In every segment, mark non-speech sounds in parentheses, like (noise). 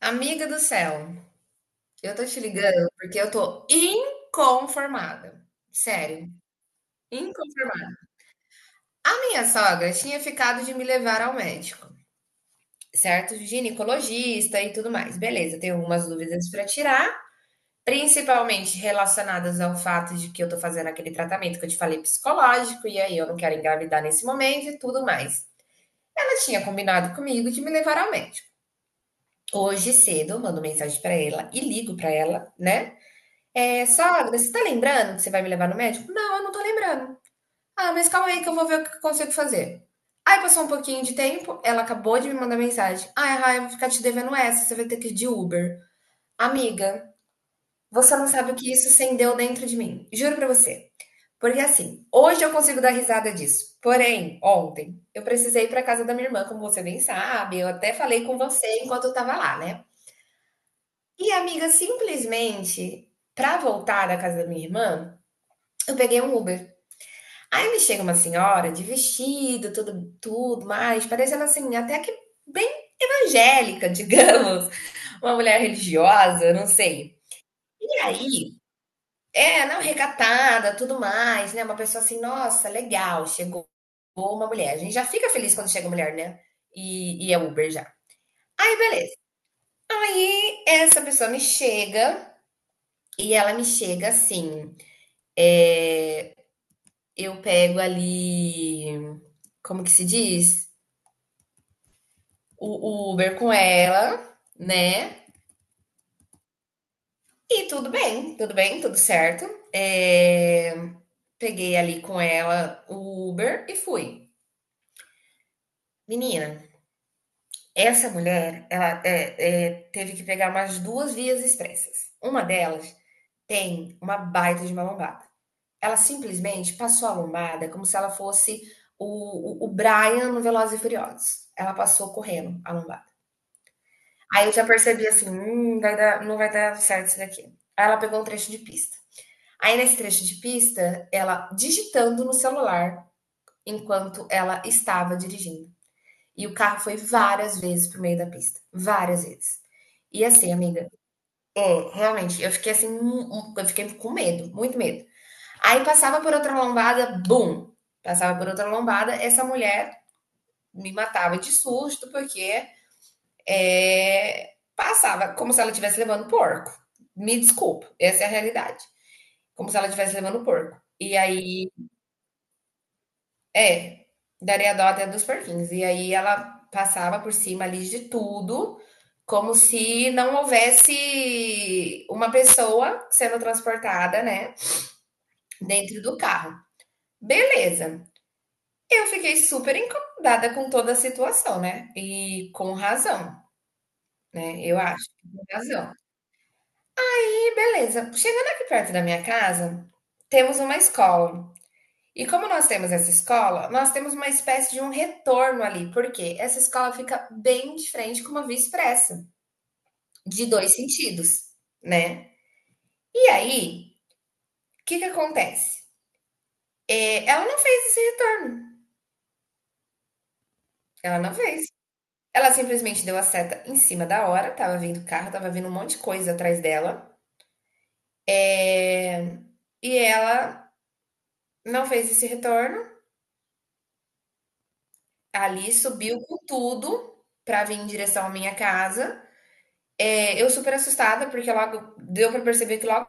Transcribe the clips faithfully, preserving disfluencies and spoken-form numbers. Amiga do céu, eu tô te ligando porque eu tô inconformada. Sério, inconformada. A minha sogra tinha ficado de me levar ao médico, certo? Ginecologista e tudo mais. Beleza, tenho algumas dúvidas pra tirar, principalmente relacionadas ao fato de que eu tô fazendo aquele tratamento que eu te falei psicológico e aí eu não quero engravidar nesse momento e tudo mais. Ela tinha combinado comigo de me levar ao médico. Hoje cedo, eu mando mensagem pra ela e ligo pra ela, né? É, sogra, você tá lembrando que você vai me levar no médico? Não, eu não tô lembrando. Ah, mas calma aí que eu vou ver o que eu consigo fazer. Aí passou um pouquinho de tempo, ela acabou de me mandar mensagem. Ah, Rai, eu vou ficar te devendo essa, você vai ter que ir de Uber. Amiga, você não sabe o que isso acendeu dentro de mim. Juro pra você. Porque assim, hoje eu consigo dar risada disso. Porém, ontem, eu precisei ir pra casa da minha irmã, como você bem sabe. Eu até falei com você enquanto eu tava lá, né? E, amiga, simplesmente, pra voltar da casa da minha irmã, eu peguei um Uber. Aí me chega uma senhora de vestido, tudo, tudo mais, parecendo assim, até que bem evangélica, (laughs) digamos, uma mulher religiosa, não sei. E aí, é, não, recatada, tudo mais, né? Uma pessoa assim, nossa, legal, chegou uma mulher. A gente já fica feliz quando chega mulher, né? E, e é Uber já. Aí, beleza. Aí, essa pessoa me chega e ela me chega assim, é, eu pego ali, como que se diz? O Uber com ela, né? E tudo bem, tudo bem, tudo certo. É, peguei ali com ela o Uber e fui. Menina, essa mulher, ela é, é, teve que pegar umas duas vias expressas. Uma delas tem uma baita de uma lombada. Ela simplesmente passou a lombada como se ela fosse o, o, o Brian no Velozes e Furiosos. Ela passou correndo a lombada. Aí eu já percebi assim: "Hum, vai dar não vai dar certo isso daqui". Aí ela pegou um trecho de pista. Aí nesse trecho de pista, ela digitando no celular enquanto ela estava dirigindo. E o carro foi várias vezes para meio da pista, várias vezes. E assim, amiga, é, realmente, eu fiquei assim, hum, hum, eu fiquei com medo, muito medo. Aí passava por outra lombada, bum, passava por outra lombada, essa mulher me matava de susto, porque é, passava como se ela estivesse levando porco. Me desculpa, essa é a realidade. Como se ela estivesse levando porco. E aí, é, daria dó até dos porquinhos. E aí ela passava por cima ali de tudo, como se não houvesse uma pessoa sendo transportada, né, dentro do carro. Beleza. Eu fiquei super incomodada com toda a situação, né? E com razão, né? Eu acho, com razão. Beleza. Chegando aqui perto da minha casa, temos uma escola. E como nós temos essa escola, nós temos uma espécie de um retorno ali, porque essa escola fica bem de frente com uma via expressa, de dois sentidos, né? E aí, o que que acontece? É, ela não fez esse retorno. Ela não fez. Ela simplesmente deu a seta em cima da hora, tava vindo carro, tava vindo um monte de coisa atrás dela. É, e ela não fez esse retorno. Ali subiu com tudo para vir em direção à minha casa. É, eu super assustada, porque logo deu para perceber que logo.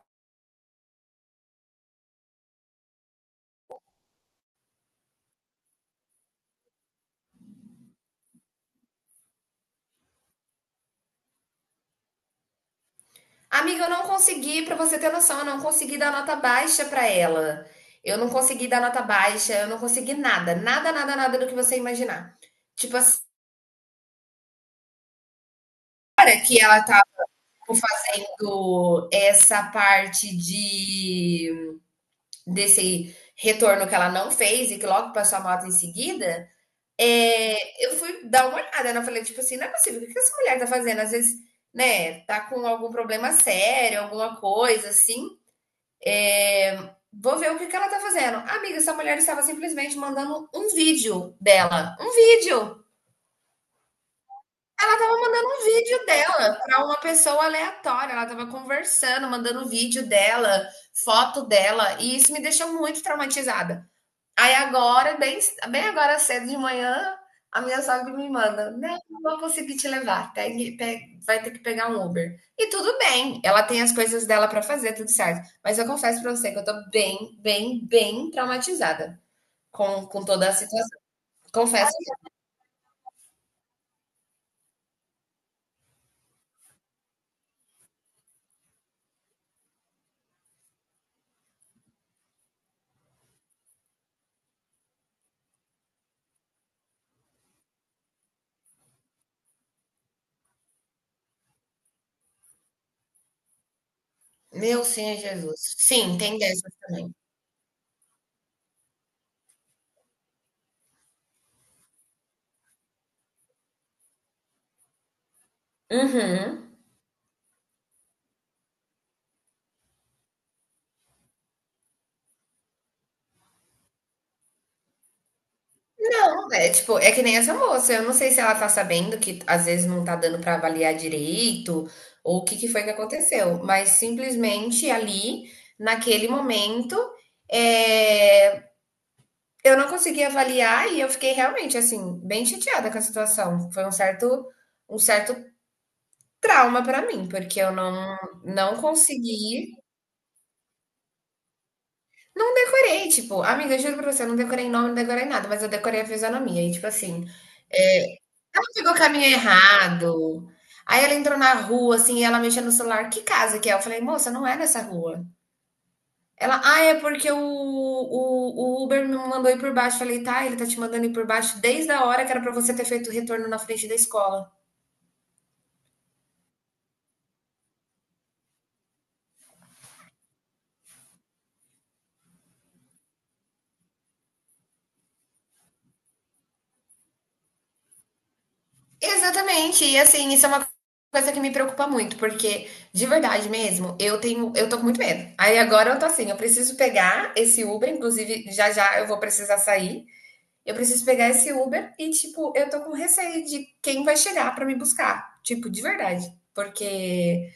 Amiga, eu não consegui, para você ter noção, eu não consegui dar nota baixa para ela. Eu não consegui dar nota baixa, eu não consegui nada, nada, nada, nada do que você imaginar. Tipo assim, fazendo essa parte de desse retorno que ela não fez e que logo passou a moto em seguida, é, eu fui dar uma olhada, né? Eu falei, tipo assim, não é possível, o que que essa mulher tá fazendo? Às vezes, né, tá com algum problema sério, alguma coisa assim. É, vou ver o que que ela tá fazendo. Amiga, essa mulher estava simplesmente mandando um vídeo dela. Um vídeo! Ela tava mandando um vídeo dela pra uma pessoa aleatória. Ela tava conversando, mandando um vídeo dela, foto dela, e isso me deixou muito traumatizada. Aí agora, bem, bem agora cedo de manhã, a minha sogra me manda, não, não vou conseguir te levar, pegue- pe- vai ter que pegar um Uber. E tudo bem, ela tem as coisas dela para fazer, tudo certo. Mas eu confesso para você que eu tô bem, bem, bem traumatizada com, com toda a situação. Confesso. Meu Senhor Jesus. Sim, tem dessas também. Uhum. Não, é tipo, é que nem essa moça. Eu não sei se ela tá sabendo que às vezes não tá dando pra avaliar direito, ou o que que foi que aconteceu. Mas simplesmente ali, naquele momento, é, eu não consegui avaliar e eu fiquei realmente assim, bem chateada com a situação. Foi um certo, um certo trauma pra mim, porque eu não, não consegui. Não decorei, tipo, amiga, eu juro pra você, eu não decorei nome, não decorei nada, mas eu decorei a fisionomia. E tipo assim. É, ela pegou o caminho errado. Aí ela entrou na rua, assim, e ela mexendo no celular. Que casa que é? Eu falei, moça, não é nessa rua. Ela, ah, é porque o, o, o Uber me mandou ir por baixo. Eu falei, tá, ele tá te mandando ir por baixo desde a hora que era pra você ter feito o retorno na frente da escola. Exatamente. E assim, isso é uma coisa que me preocupa muito, porque de verdade mesmo, eu tenho, eu tô com muito medo. Aí agora eu tô assim, eu preciso pegar esse Uber, inclusive já já eu vou precisar sair. Eu preciso pegar esse Uber e, tipo, eu tô com receio de quem vai chegar pra me buscar. Tipo, de verdade. Porque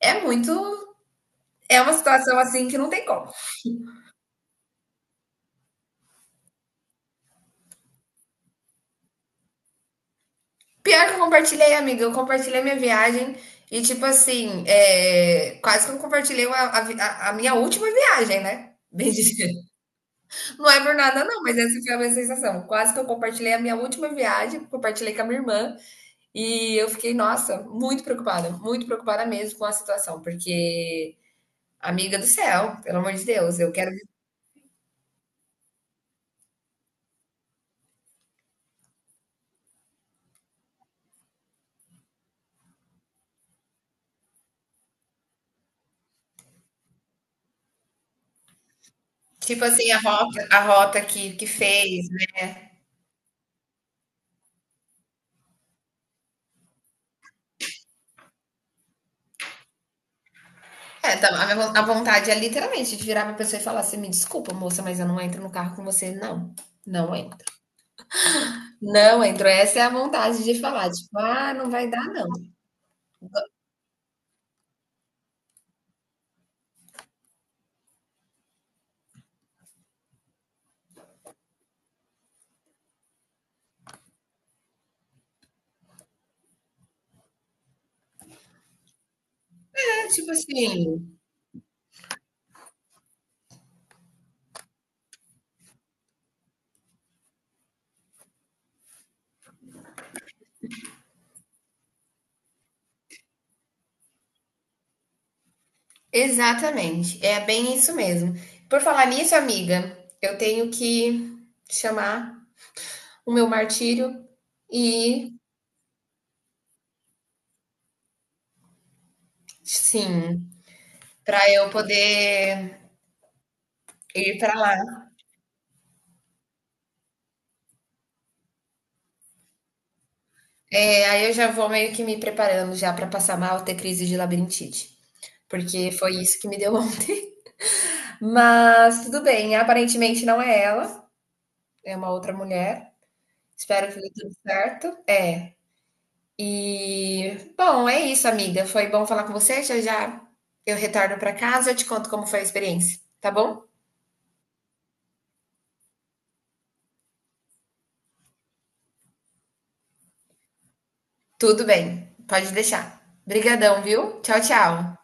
é muito. É uma situação assim que não tem como. Pior que eu compartilhei, amiga. Eu compartilhei minha viagem e, tipo assim, é, quase que eu compartilhei a, a a minha última viagem, né? (laughs) Bem dizer. Não é por nada, não, mas essa foi a minha sensação. Quase que eu compartilhei a minha última viagem, compartilhei com a minha irmã. E eu fiquei, nossa, muito preocupada, muito preocupada mesmo com a situação, porque amiga do céu, pelo amor de Deus, eu quero, tipo assim, a rota, a rota que, que fez. Né? É, tá, a minha vo- a vontade é literalmente de virar pra pessoa e falar assim: me desculpa, moça, mas eu não entro no carro com você, não. Não entro. Não entro. Essa é a vontade de falar, tipo, ah, não vai dar, não. É, tipo assim, exatamente. É bem isso mesmo. Por falar nisso, amiga, eu tenho que chamar o meu martírio e, sim, pra eu poder ir pra lá. É, aí eu já vou meio que me preparando já para passar mal, ter crise de labirintite. Porque foi isso que me deu ontem. (laughs) Mas tudo bem, aparentemente não é ela, é uma outra mulher. Espero que dê tudo certo. É. E bom, é isso, amiga. Foi bom falar com você. Já já eu retorno para casa, eu te conto como foi a experiência, tá bom? Tudo bem. Pode deixar. Brigadão, viu? Tchau, tchau.